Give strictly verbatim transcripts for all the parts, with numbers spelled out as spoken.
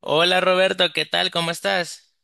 Hola Roberto, ¿qué tal? ¿Cómo estás?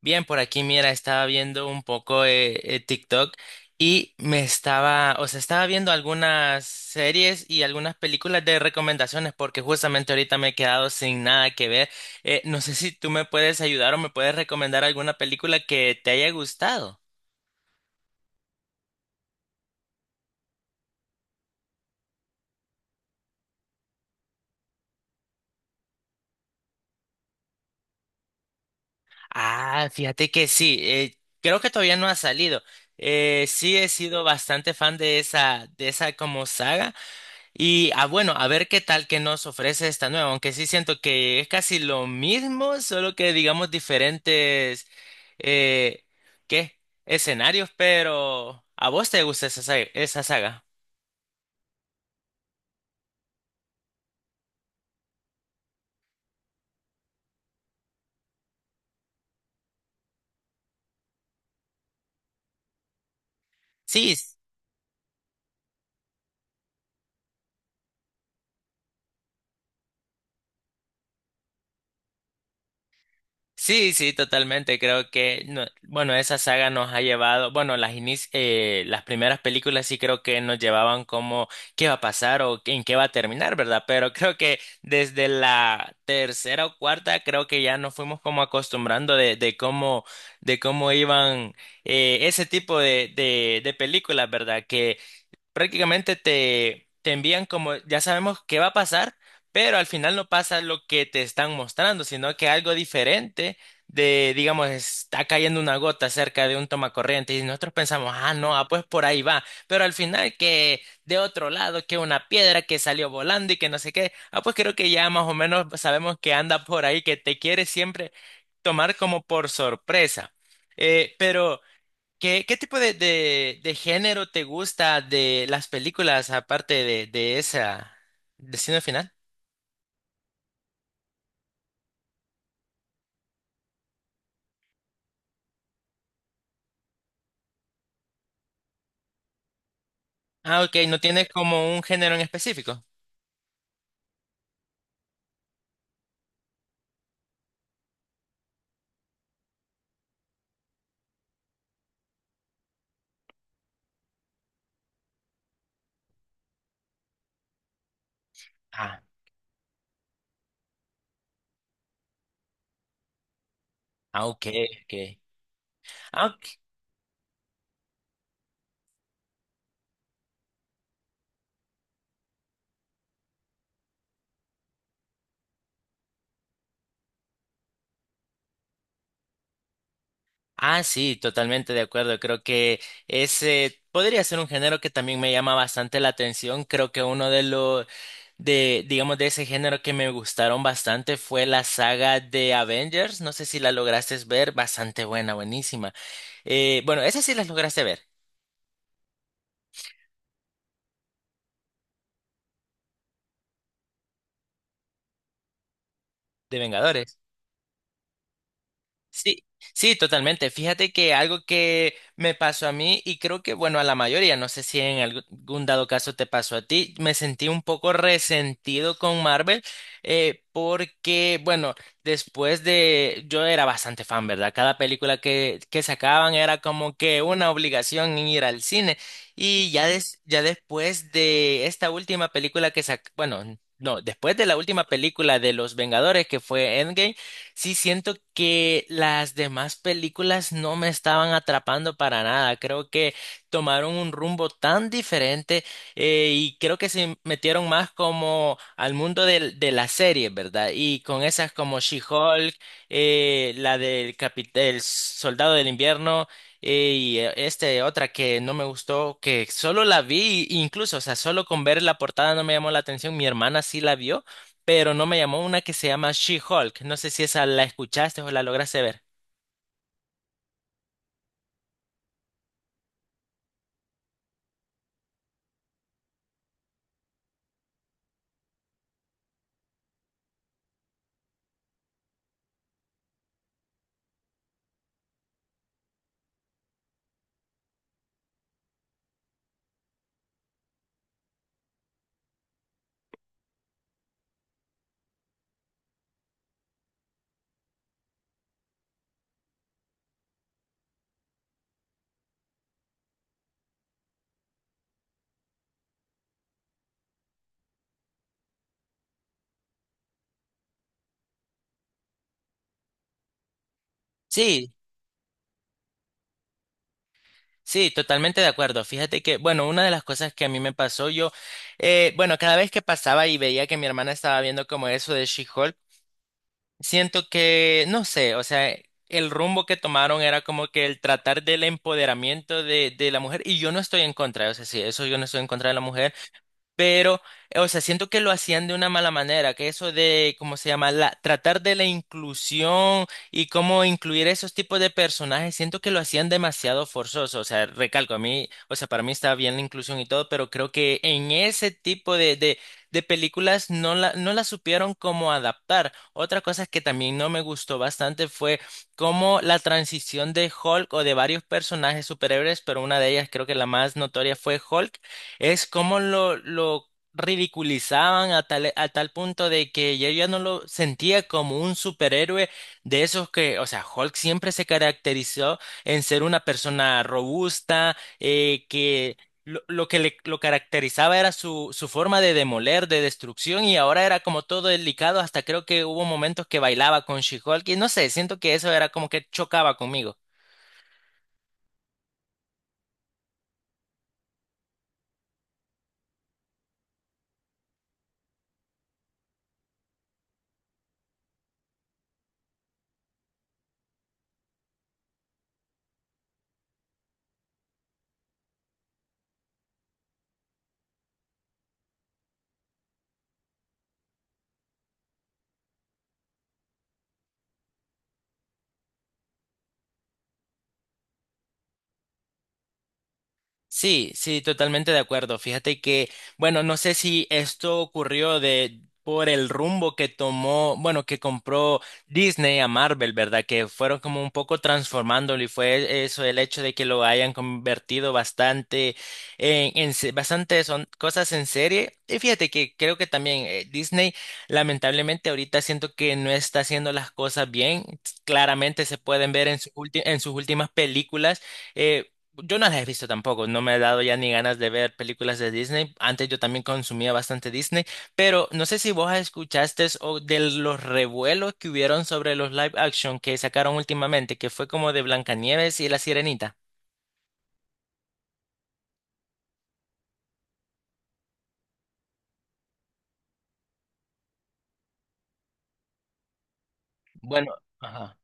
Bien, por aquí, mira, estaba viendo un poco eh, eh, TikTok y me estaba, o sea, estaba viendo algunas series y algunas películas de recomendaciones porque justamente ahorita me he quedado sin nada que ver. Eh, no sé si tú me puedes ayudar o me puedes recomendar alguna película que te haya gustado. Ah, fíjate que sí, eh, creo que todavía no ha salido. Eh, sí he sido bastante fan de esa, de esa como saga. Y ah, bueno, a ver qué tal que nos ofrece esta nueva, aunque sí siento que es casi lo mismo, solo que digamos diferentes eh, ¿qué? Escenarios, pero ¿a vos te gusta esa saga? ¿Esa saga? Sí, sí, sí, totalmente. Creo que, no- bueno, esa saga nos ha llevado, bueno, las inis- eh, las primeras películas sí creo que nos llevaban como qué va a pasar o en qué va a terminar, ¿verdad? Pero creo que desde la tercera o cuarta creo que ya nos fuimos como acostumbrando de, de cómo, de cómo iban eh, ese tipo de, de, de películas, ¿verdad? Prácticamente te, te envían como ya sabemos qué va a pasar, pero al final no pasa lo que te están mostrando, sino que algo diferente de, digamos, está cayendo una gota cerca de un tomacorriente y nosotros pensamos, ah, no, ah, pues por ahí va, pero al final que de otro lado, que una piedra que salió volando y que no sé qué, ah, pues creo que ya más o menos sabemos que anda por ahí, que te quiere siempre tomar como por sorpresa. Eh, pero... ¿Qué, qué tipo de, de, de género te gusta de las películas aparte de, de esa Destino Final? Ah, ok, no tienes como un género en específico. Ah, ah, ok, ok. Ah, ok. Ah, sí, totalmente de acuerdo. Creo que ese podría ser un género que también me llama bastante la atención. Creo que uno de los de, digamos, de ese género que me gustaron bastante fue la saga de Avengers. No sé si la lograste ver, bastante buena, buenísima. Eh, bueno, esa sí las lograste ver. De Vengadores. Sí, sí, totalmente. Fíjate que algo que me pasó a mí y creo que, bueno, a la mayoría, no sé si en algún dado caso te pasó a ti, me sentí un poco resentido con Marvel eh, porque, bueno, después de, yo era bastante fan, ¿verdad? Cada película que, que sacaban era como que una obligación en ir al cine y ya, des- ya después de esta última película que sac, bueno, no, después de la última película de Los Vengadores que fue Endgame, sí, siento que las demás películas no me estaban atrapando para nada. Creo que tomaron un rumbo tan diferente eh, y creo que se metieron más como al mundo del- de, las series, ¿verdad? Y con esas como She-Hulk, eh, la del Capit- el Soldado del Invierno eh, y eh, este otra que no me gustó, que solo la vi, incluso, o sea, solo con ver la portada no me llamó la atención. Mi hermana sí la vio pero no me llamó una que se llama She-Hulk. No sé si esa la escuchaste o la lograste ver. Sí, sí, totalmente de acuerdo. Fíjate que, bueno, una de las cosas que a mí me pasó, yo, eh, bueno, cada vez que pasaba y veía que mi hermana estaba viendo como eso de She-Hulk, siento que, no sé, o sea, el rumbo que tomaron era como que el tratar del empoderamiento de, de la mujer, y yo no estoy en contra, o sea, sí, eso yo no estoy en contra de la mujer. Pero, eh, o sea, siento que lo hacían de una mala manera, que eso de, ¿cómo se llama? La, tratar de la inclusión y cómo incluir esos tipos de personajes, siento que lo hacían demasiado forzoso. O sea, recalco, a mí, o sea, para mí está bien la inclusión y todo, pero creo que en ese tipo de, de, de películas no la, no la supieron cómo adaptar. Otra cosa que también no me gustó bastante fue cómo la transición de Hulk o de varios personajes superhéroes, pero una de ellas creo que la más notoria fue Hulk, es como lo, lo ridiculizaban a tal, a tal punto de que yo ya no lo sentía como un superhéroe de esos que, o sea, Hulk siempre se caracterizó en ser una persona robusta, eh, que lo, lo que le, lo caracterizaba era su, su forma de demoler, de destrucción, y ahora era como todo delicado, hasta creo que hubo momentos que bailaba con She-Hulk, y no sé, siento que eso era como que chocaba conmigo. Sí, sí, totalmente de acuerdo. Fíjate que, bueno, no sé si esto ocurrió de por el rumbo que tomó, bueno, que compró Disney a Marvel, ¿verdad? Que fueron como un poco transformándolo y fue eso el hecho de que lo hayan convertido bastante en, en se- bastante son cosas en serie. Y fíjate que creo que también eh, Disney, lamentablemente ahorita siento que no está haciendo las cosas bien. Claramente se pueden ver en sus ulti- en sus últimas películas. eh, yo no las he visto tampoco, no me ha dado ya ni ganas de ver películas de Disney. Antes yo también consumía bastante Disney, pero no sé si vos escuchaste o de los revuelos que hubieron sobre los live action que sacaron últimamente, que fue como de Blancanieves y la Sirenita. Bueno, ajá.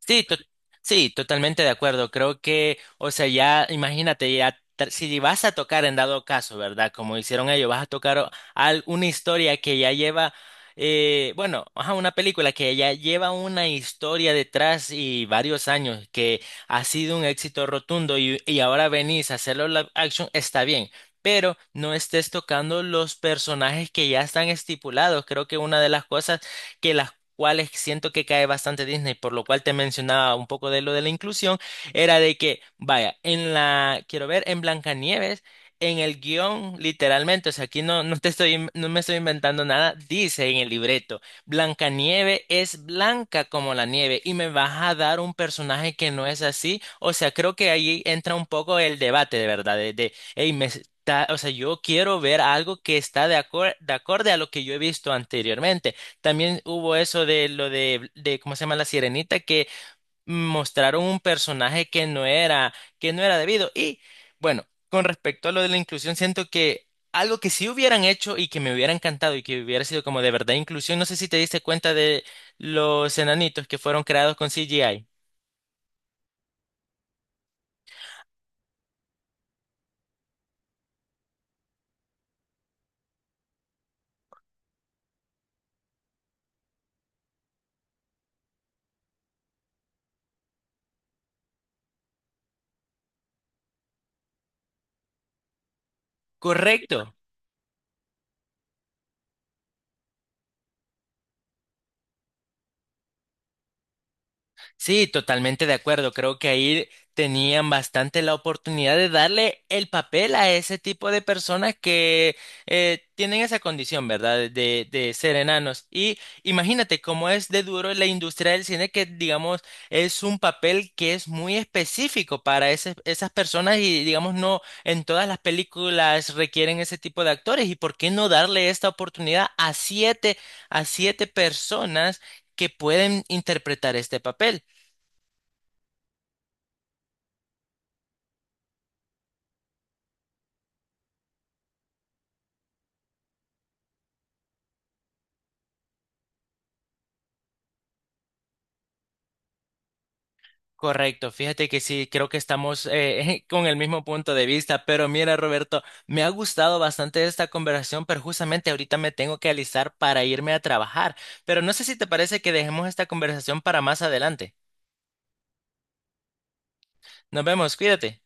Sí, to- sí, totalmente de acuerdo. Creo que, o sea, ya imagínate, ya tra- si vas a tocar en dado caso, ¿verdad? Como hicieron ellos, vas a tocar o- al- una historia que ya lleva, eh, bueno, ajá, una película que ya lleva una historia detrás y varios años, que ha sido un éxito rotundo y, y ahora venís a hacerlo live action, está bien. Pero no estés tocando los personajes que ya están estipulados. Creo que una de las cosas que las cuales siento que cae bastante Disney, por lo cual te mencionaba un poco de lo de la inclusión, era de que, vaya, en la, quiero ver, en Blancanieves, en el guión, literalmente, o sea, aquí no, no te estoy, in- no me estoy inventando nada, dice en el libreto, Blancanieves es blanca como la nieve y me vas a dar un personaje que no es así, o sea, creo que ahí entra un poco el debate, de verdad, de, de hey, me está- o sea, yo quiero ver algo que está de acor- de acorde a lo que yo he visto anteriormente. También hubo eso de lo de, de ¿cómo se llama? La Sirenita, que mostraron un personaje que no era, que no era debido. Y bueno, con respecto a lo de la inclusión, siento que algo que sí hubieran hecho y que me hubiera encantado y que hubiera sido como de verdad inclusión, no sé si te diste cuenta de los enanitos que fueron creados con C G I. Correcto. Sí, totalmente de acuerdo. Creo que ahí tenían bastante la oportunidad de darle el papel a ese tipo de personas que eh, tienen esa condición, ¿verdad? De, de ser enanos. Y imagínate cómo es de duro la industria del cine, que digamos es un papel que es muy específico para ese- esas personas y digamos no en todas las películas requieren ese tipo de actores. ¿Y por qué no darle esta oportunidad a siete, a siete personas que pueden interpretar este papel? Correcto, fíjate que sí, creo que estamos eh, con el mismo punto de vista, pero mira, Roberto, me ha gustado bastante esta conversación, pero justamente ahorita me tengo que alistar para irme a trabajar, pero no sé si te parece que dejemos esta conversación para más adelante. Nos vemos, cuídate.